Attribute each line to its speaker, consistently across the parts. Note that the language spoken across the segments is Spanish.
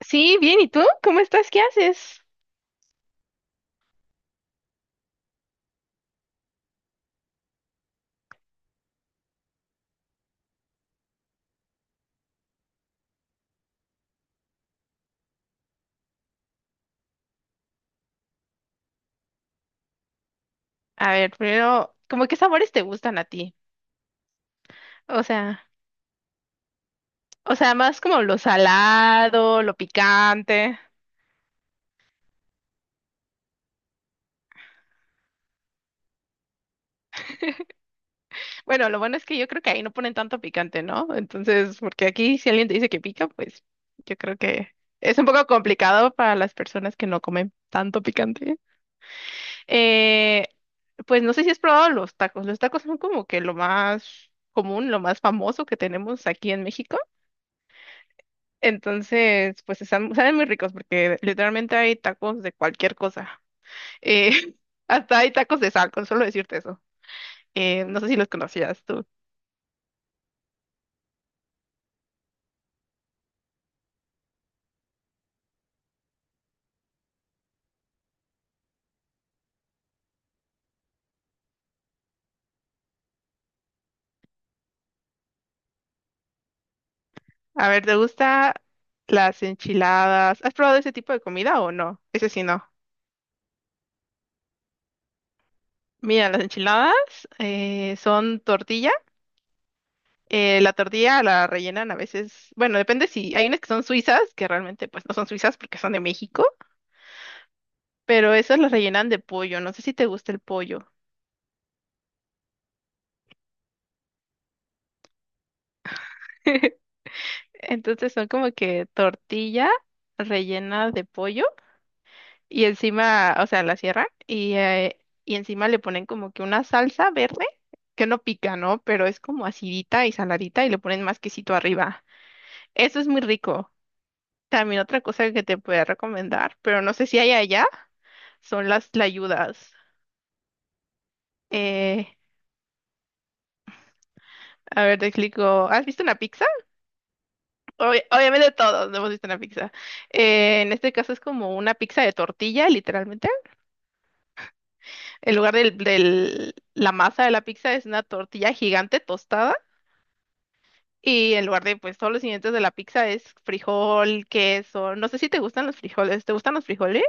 Speaker 1: Sí, bien, ¿y tú? ¿Cómo estás? ¿Qué haces? A ver, primero, ¿cómo qué sabores te gustan a ti? O sea, o sea, más como lo salado, lo picante. Bueno, lo bueno es que yo creo que ahí no ponen tanto picante, ¿no? Entonces, porque aquí si alguien te dice que pica, pues yo creo que es un poco complicado para las personas que no comen tanto picante. Eh, pues no sé si has probado los tacos. Los tacos son como que lo más común, lo más famoso que tenemos aquí en México. Entonces, pues están, saben muy ricos porque literalmente hay tacos de cualquier cosa. Eh, Hasta hay tacos de sal, con solo decirte eso. No sé si los conocías tú. A ver, ¿te gusta las enchiladas? ¿Has probado ese tipo de comida o no? Ese sí no. Mira, las enchiladas son tortilla. La tortilla la rellenan a veces, bueno, depende si hay unas que son suizas, que realmente pues no son suizas porque son de México, pero esas las rellenan de pollo. No sé si te gusta el pollo. Entonces son como que tortilla rellena de pollo y encima, o sea, la cierran y y encima le ponen como que una salsa verde que no pica, ¿no? Pero es como acidita y saladita y le ponen más quesito arriba. Eso es muy rico. También otra cosa que te puedo recomendar, pero no sé si hay allá, son las tlayudas. Eh, a ver, te explico. ¿Has visto una pizza? Obviamente todos hemos visto una pizza. En este caso es como una pizza de tortilla, literalmente. En lugar del, del- la masa de la pizza es una tortilla gigante tostada y en lugar de pues todos los ingredientes de la pizza es frijol, queso. No sé si te gustan los frijoles. ¿Te gustan los frijoles?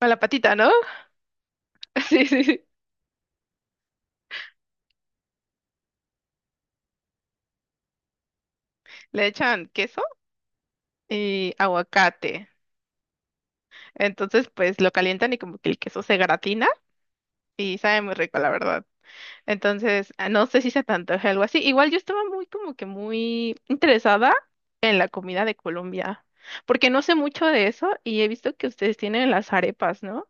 Speaker 1: A la patita, ¿no? Sí, sí, sí. Le echan queso y aguacate. Entonces pues lo calientan y como que el queso se gratina y sabe muy rico, la verdad. Entonces, ah, no sé si se te antoje algo así. Igual yo estaba muy, como que muy interesada en la comida de Colombia, porque no sé mucho de eso y he visto que ustedes tienen las arepas, ¿no?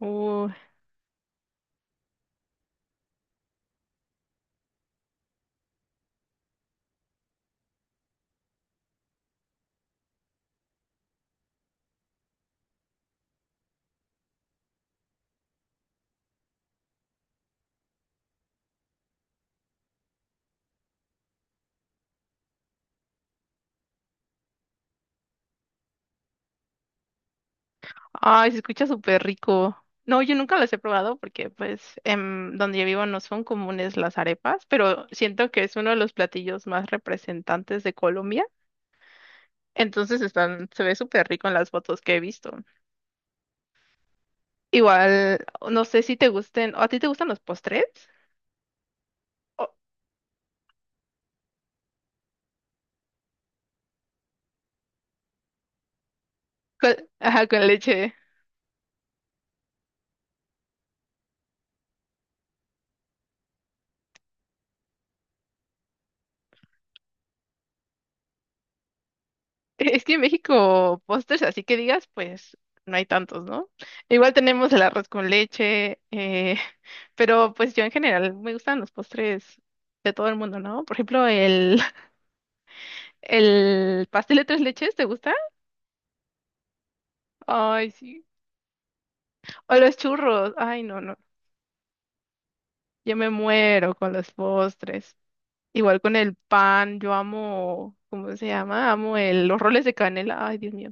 Speaker 1: Uy, ay, se escucha súper rico. No, yo nunca las he probado porque, pues, donde yo vivo no son comunes las arepas, pero siento que es uno de los platillos más representantes de Colombia. Entonces están, se ve súper rico en las fotos que he visto. Igual, no sé si te gusten, ¿o a ti te gustan los postres? Con, ajá, con leche. Es que en México postres, así que digas, pues no hay tantos, ¿no? Igual tenemos el arroz con leche, pero pues yo en general me gustan los postres de todo el mundo, ¿no? Por ejemplo, el pastel de tres leches, ¿te gusta? Ay, sí. O los churros, ay, no, no. Yo me muero con los postres. Igual con el pan, yo amo, ¿cómo se llama? Amo los roles de canela, ay, Dios mío.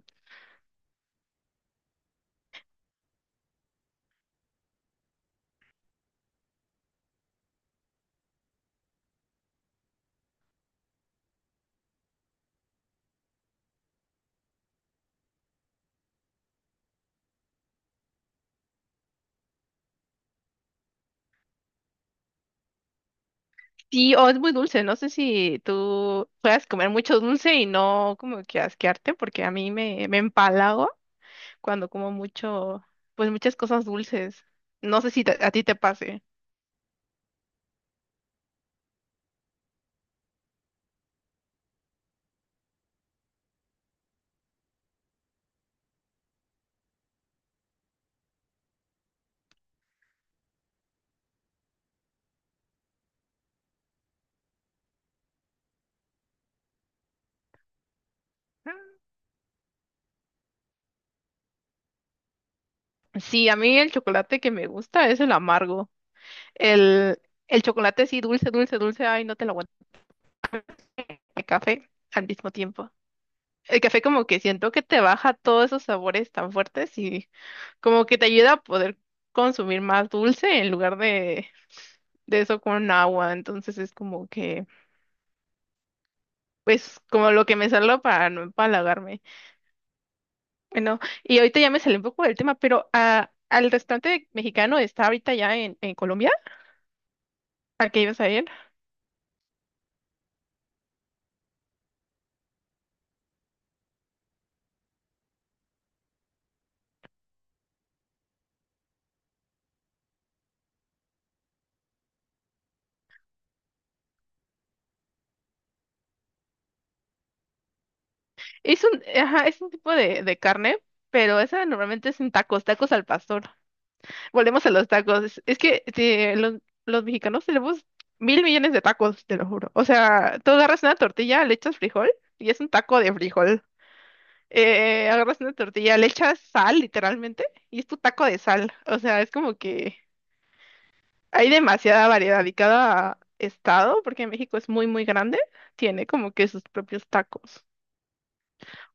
Speaker 1: Sí, o es muy dulce. No sé si tú puedas comer mucho dulce y no como que asquearte, porque a mí me empalago cuando como mucho, pues muchas cosas dulces. No sé si a ti te pase. Sí, a mí el chocolate que me gusta es el amargo. El, el chocolate sí, dulce, dulce, dulce, ay, no te lo aguanto. El café al mismo tiempo. El café como que siento que te baja todos esos sabores tan fuertes y como que te ayuda a poder consumir más dulce en lugar de eso con agua. Entonces es como que, pues, como lo que me salva para no empalagarme. Bueno, y ahorita ya me salí un poco del tema, pero ah, al restaurante mexicano está ahorita ya en Colombia, al que ibas a ir. Es un, ajá, es un tipo de carne, pero esa normalmente es en tacos, tacos al pastor. Volvemos a los tacos. Es que sí, los mexicanos tenemos mil millones de tacos, te lo juro. O sea, tú agarras una tortilla, le echas frijol y es un taco de frijol. Agarras una tortilla, le echas sal, literalmente, y es tu taco de sal. O sea, es como que hay demasiada variedad y cada estado, porque México es muy, muy grande, tiene como que sus propios tacos.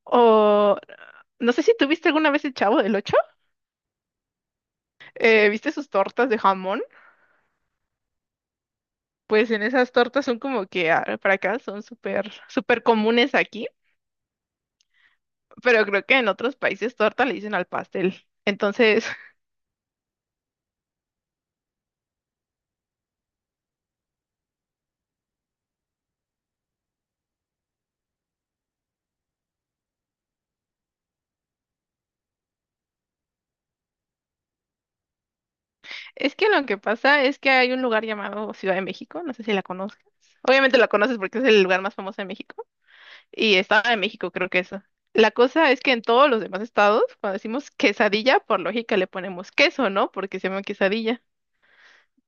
Speaker 1: O no sé si tuviste alguna vez el Chavo del Ocho. ¿Viste sus tortas de jamón? Pues en esas tortas son como que ah, para acá son súper, súper comunes aquí, pero creo que en otros países torta le dicen al pastel. Entonces, es que lo que pasa es que hay un lugar llamado Ciudad de México, no sé si la conozcas. Obviamente la conoces porque es el lugar más famoso de México y Estado de México, creo que eso. La cosa es que en todos los demás estados, cuando decimos quesadilla, por lógica le ponemos queso, ¿no? Porque se llama quesadilla.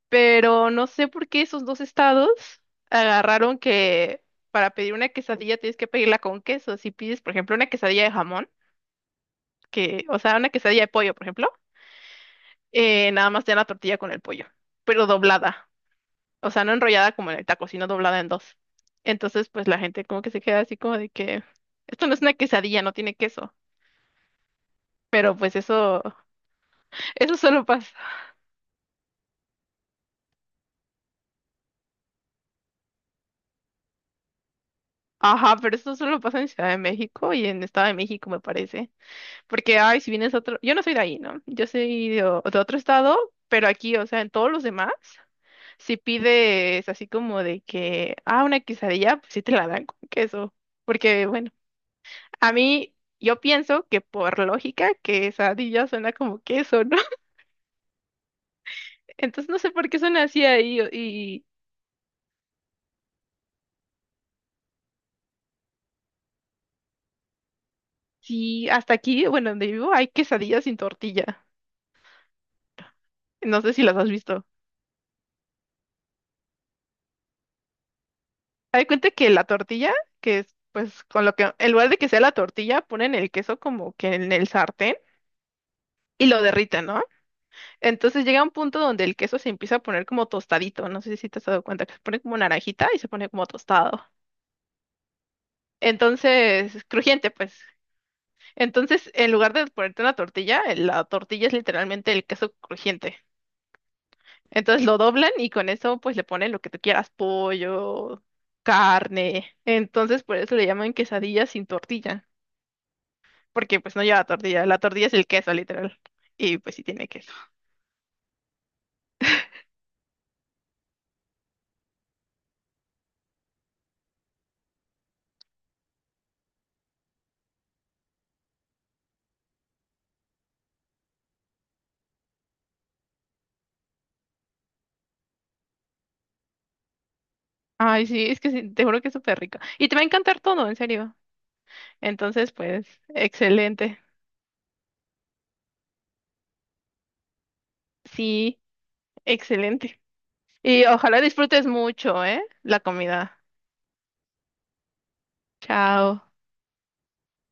Speaker 1: Pero no sé por qué esos dos estados agarraron que para pedir una quesadilla tienes que pedirla con queso. Si pides, por ejemplo, una quesadilla de jamón, que, o sea, una quesadilla de pollo, por ejemplo, nada más te dan la tortilla con el pollo, pero doblada, o sea, no enrollada como en el taco, sino doblada en dos. Entonces, pues la gente como que se queda así como de que esto no es una quesadilla, no tiene queso. Pero pues eso, eso solo pasa. Ajá, pero eso solo pasa en Ciudad de México y en Estado de México, me parece. Porque, ay, si vienes a otro, yo no soy de ahí, ¿no? Yo soy de, de otro estado, pero aquí, o sea, en todos los demás, si pides así como de que, ah, una quesadilla, pues sí te la dan con queso. Porque, bueno, a mí, yo pienso que por lógica, quesadilla suena como queso, ¿no? Entonces no sé por qué suena así ahí. Y sí, hasta aquí, bueno, donde vivo, hay quesadillas sin tortilla. No sé si las has visto. Hay cuenta que la tortilla, que es pues con lo que, en lugar de que sea la tortilla, ponen el queso como que en el sartén y lo derriten, ¿no? Entonces llega un punto donde el queso se empieza a poner como tostadito, no sé si te has dado cuenta, que se pone como naranjita y se pone como tostado. Entonces, crujiente, pues. Entonces, en lugar de ponerte una tortilla, la tortilla es literalmente el queso crujiente. Entonces lo doblan y con eso pues le ponen lo que tú quieras, pollo, carne. Entonces, por eso le llaman quesadilla sin tortilla. Porque pues no lleva tortilla, la tortilla es el queso, literal. Y pues sí tiene queso. Ay, sí, es que sí, te juro que es súper rico. Y te va a encantar todo, en serio. Entonces, pues, excelente. Sí, excelente. Y ojalá disfrutes mucho, ¿eh? La comida. Chao.